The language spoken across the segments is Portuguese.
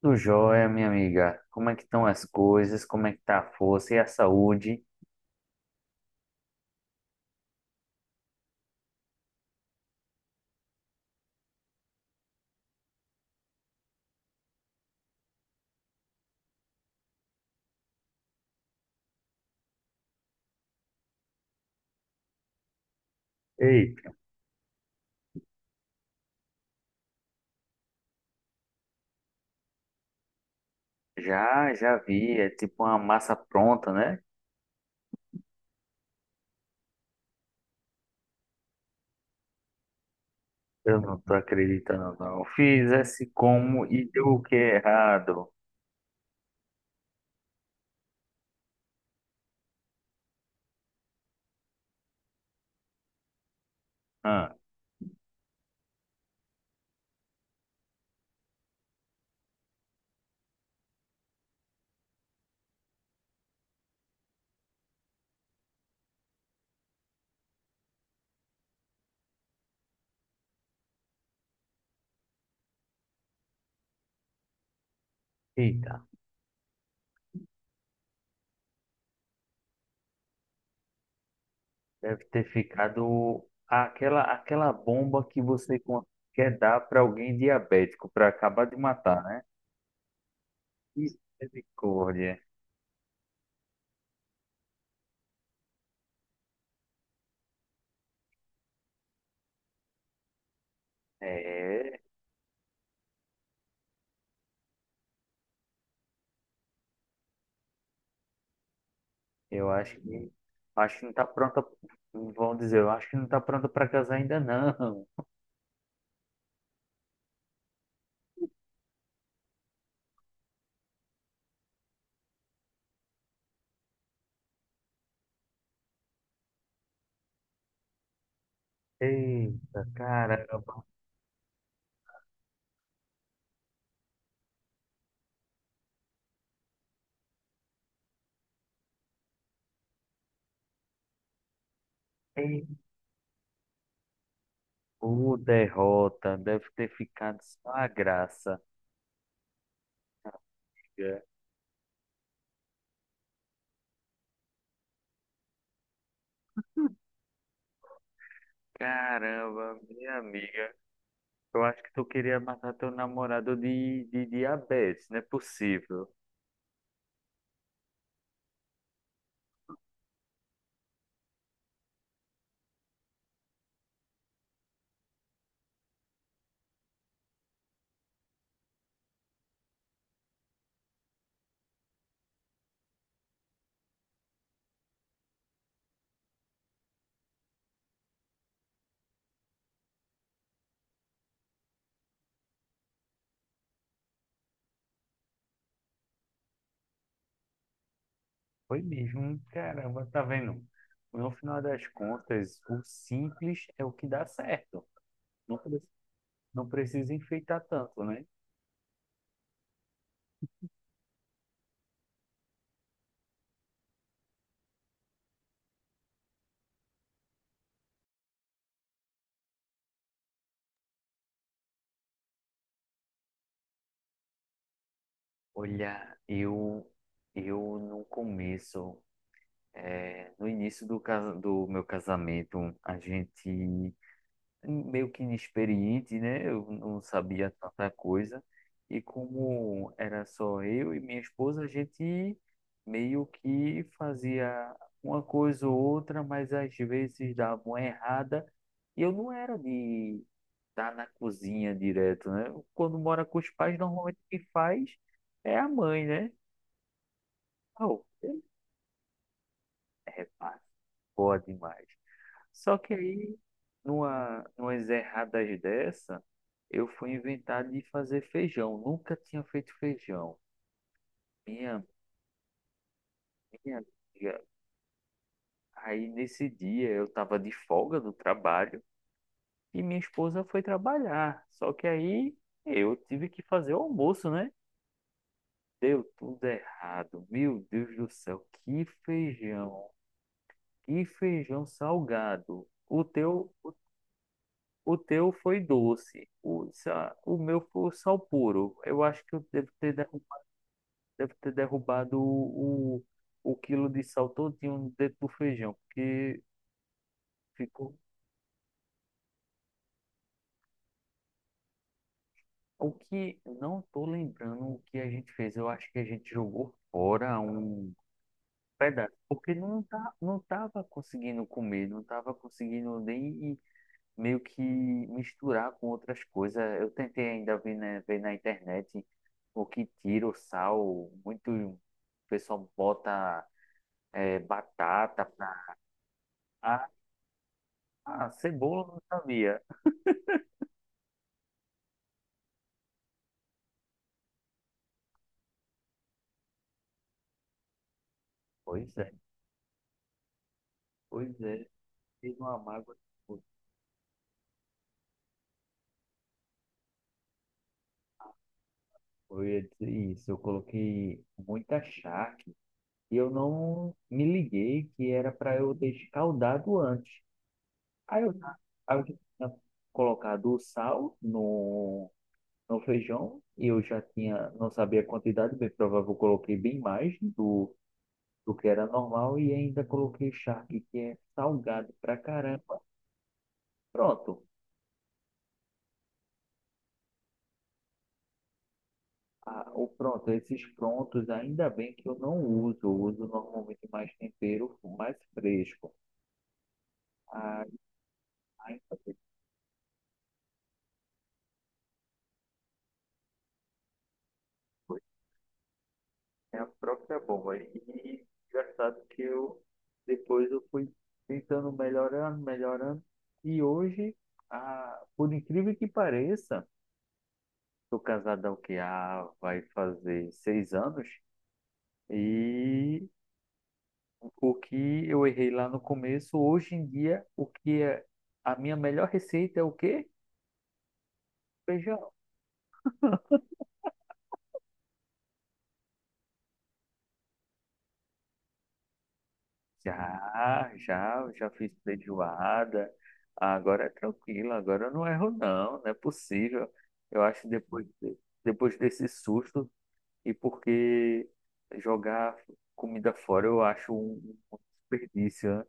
Tudo jóia, minha amiga. Como é que estão as coisas? Como é que tá a força e a saúde? Eita, já vi, é tipo uma massa pronta, né? Eu não tô acreditando, não. Fiz esse como e deu o que errado? Ah, eita, deve ter ficado aquela bomba que você quer dar para alguém diabético, para acabar de matar, né? Misericórdia. É, eu acho que não tá pronta, vão dizer, eu acho que não tá pronta para casar ainda não. Eita, caramba. E o derrota deve ter ficado só a graça. Amiga. Caramba, minha amiga. Eu acho que tu queria matar teu namorado de diabetes, não é possível. Foi mesmo, caramba, tá vendo? No final das contas, o simples é o que dá certo. Não, não precisa enfeitar tanto, né? Olha, eu no começo, é, no início do meu casamento, a gente meio que inexperiente, né? Eu não sabia tanta coisa. E como era só eu e minha esposa, a gente meio que fazia uma coisa ou outra, mas às vezes dava uma errada. E eu não era de estar na cozinha direto, né? Quando mora com os pais, normalmente quem faz é a mãe, né? Oh, é fácil. Boa demais. Só que aí, numas erradas dessa, eu fui inventar de fazer feijão. Nunca tinha feito feijão. Minha, minha amiga. Aí nesse dia eu tava de folga do trabalho e minha esposa foi trabalhar. Só que aí eu tive que fazer o almoço, né? Deu tudo errado. Meu Deus do céu, que feijão. Que feijão salgado. O teu foi doce, o meu foi sal puro. Eu acho que eu devo ter derrubado o quilo de sal todinho dentro do feijão, porque ficou. O que não tô lembrando o que a gente fez. Eu acho que a gente jogou fora um pedaço, porque não tava conseguindo comer, não tava conseguindo nem meio que misturar com outras coisas. Eu tentei ainda ver, né, ver na internet o que tira o sal. Muito o pessoal bota é, batata pra... Ah, ah, cebola eu não sabia. Pois é, pois é. Fiz uma mágoa. Eu ia dizer isso. Eu coloquei muita charque e eu não me liguei que era para eu ter escaldado antes. Aí eu, aí eu tinha colocado o sal no feijão e eu já tinha, não sabia a quantidade, bem provável eu coloquei bem mais do que era normal e ainda coloquei charque, que é salgado pra caramba. Pronto. Ah, esses prontos, ainda bem que eu não uso, eu uso normalmente mais tempero, mais fresco. Ah, ainda bem, foi. É a própria bomba. E engraçado que eu depois eu fui tentando melhorando, melhorando. E hoje, ah, por incrível que pareça, tô casado há o que vai fazer 6 anos. E o que eu errei lá no começo, hoje em dia, o que é a minha melhor receita é o quê? Feijão. Já fiz feijoada. Agora é tranquilo, agora eu não erro não, não é possível. Eu acho que depois, depois desse susto, e porque jogar comida fora eu acho um desperdício, né?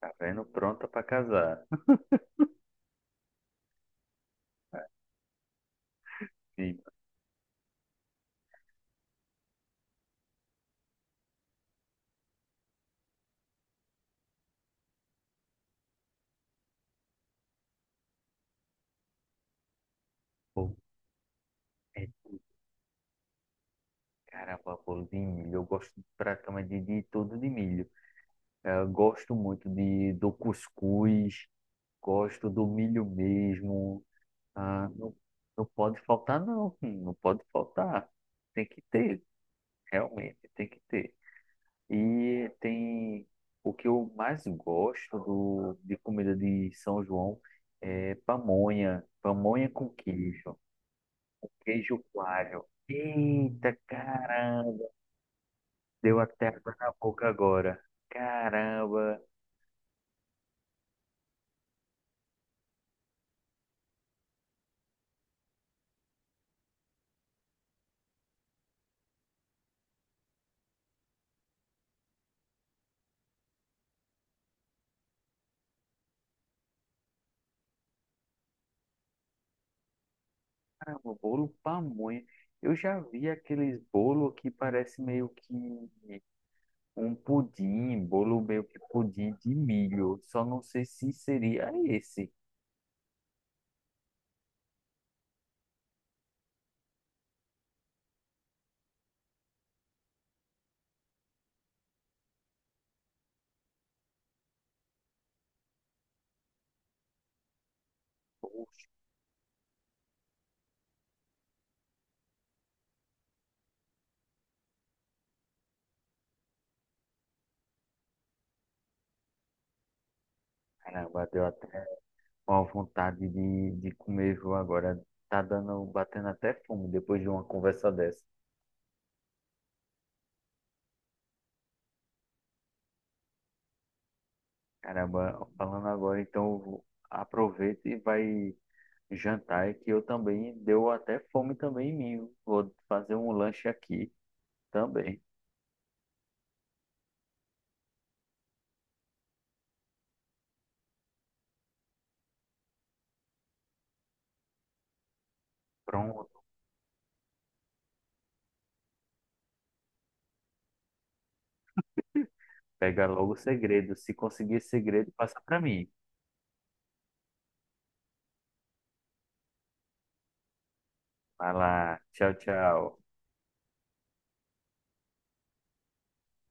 Tá vendo? Pronta para casar. Sim. É, caramba, bolo de milho. Eu gosto pra cama de tudo de milho. É, eu gosto muito do cuscuz, gosto do milho mesmo. Ah, não, não pode faltar, não. Não pode faltar. Tem que ter, realmente, tem que ter. E tem o que eu mais gosto de comida de São João é pamonha. Pamonha com queijo. Com queijo coalho. Eita, caramba! Deu até água na boca agora. Caramba, caramba, bolo pamonha. Eu já vi aqueles bolo que parece meio que um pudim, bolo meio que pudim de milho. Só não sei se seria esse. Poxa, caramba, deu até uma vontade de comer, viu, agora. Tá dando, batendo até fome depois de uma conversa dessa. Caramba, falando agora, então eu aproveita e vai jantar é que eu também deu até fome também em mim. Vou fazer um lanche aqui também. Pronto, pega logo o segredo. Se conseguir segredo, passa para mim. Vai lá, tchau, tchau.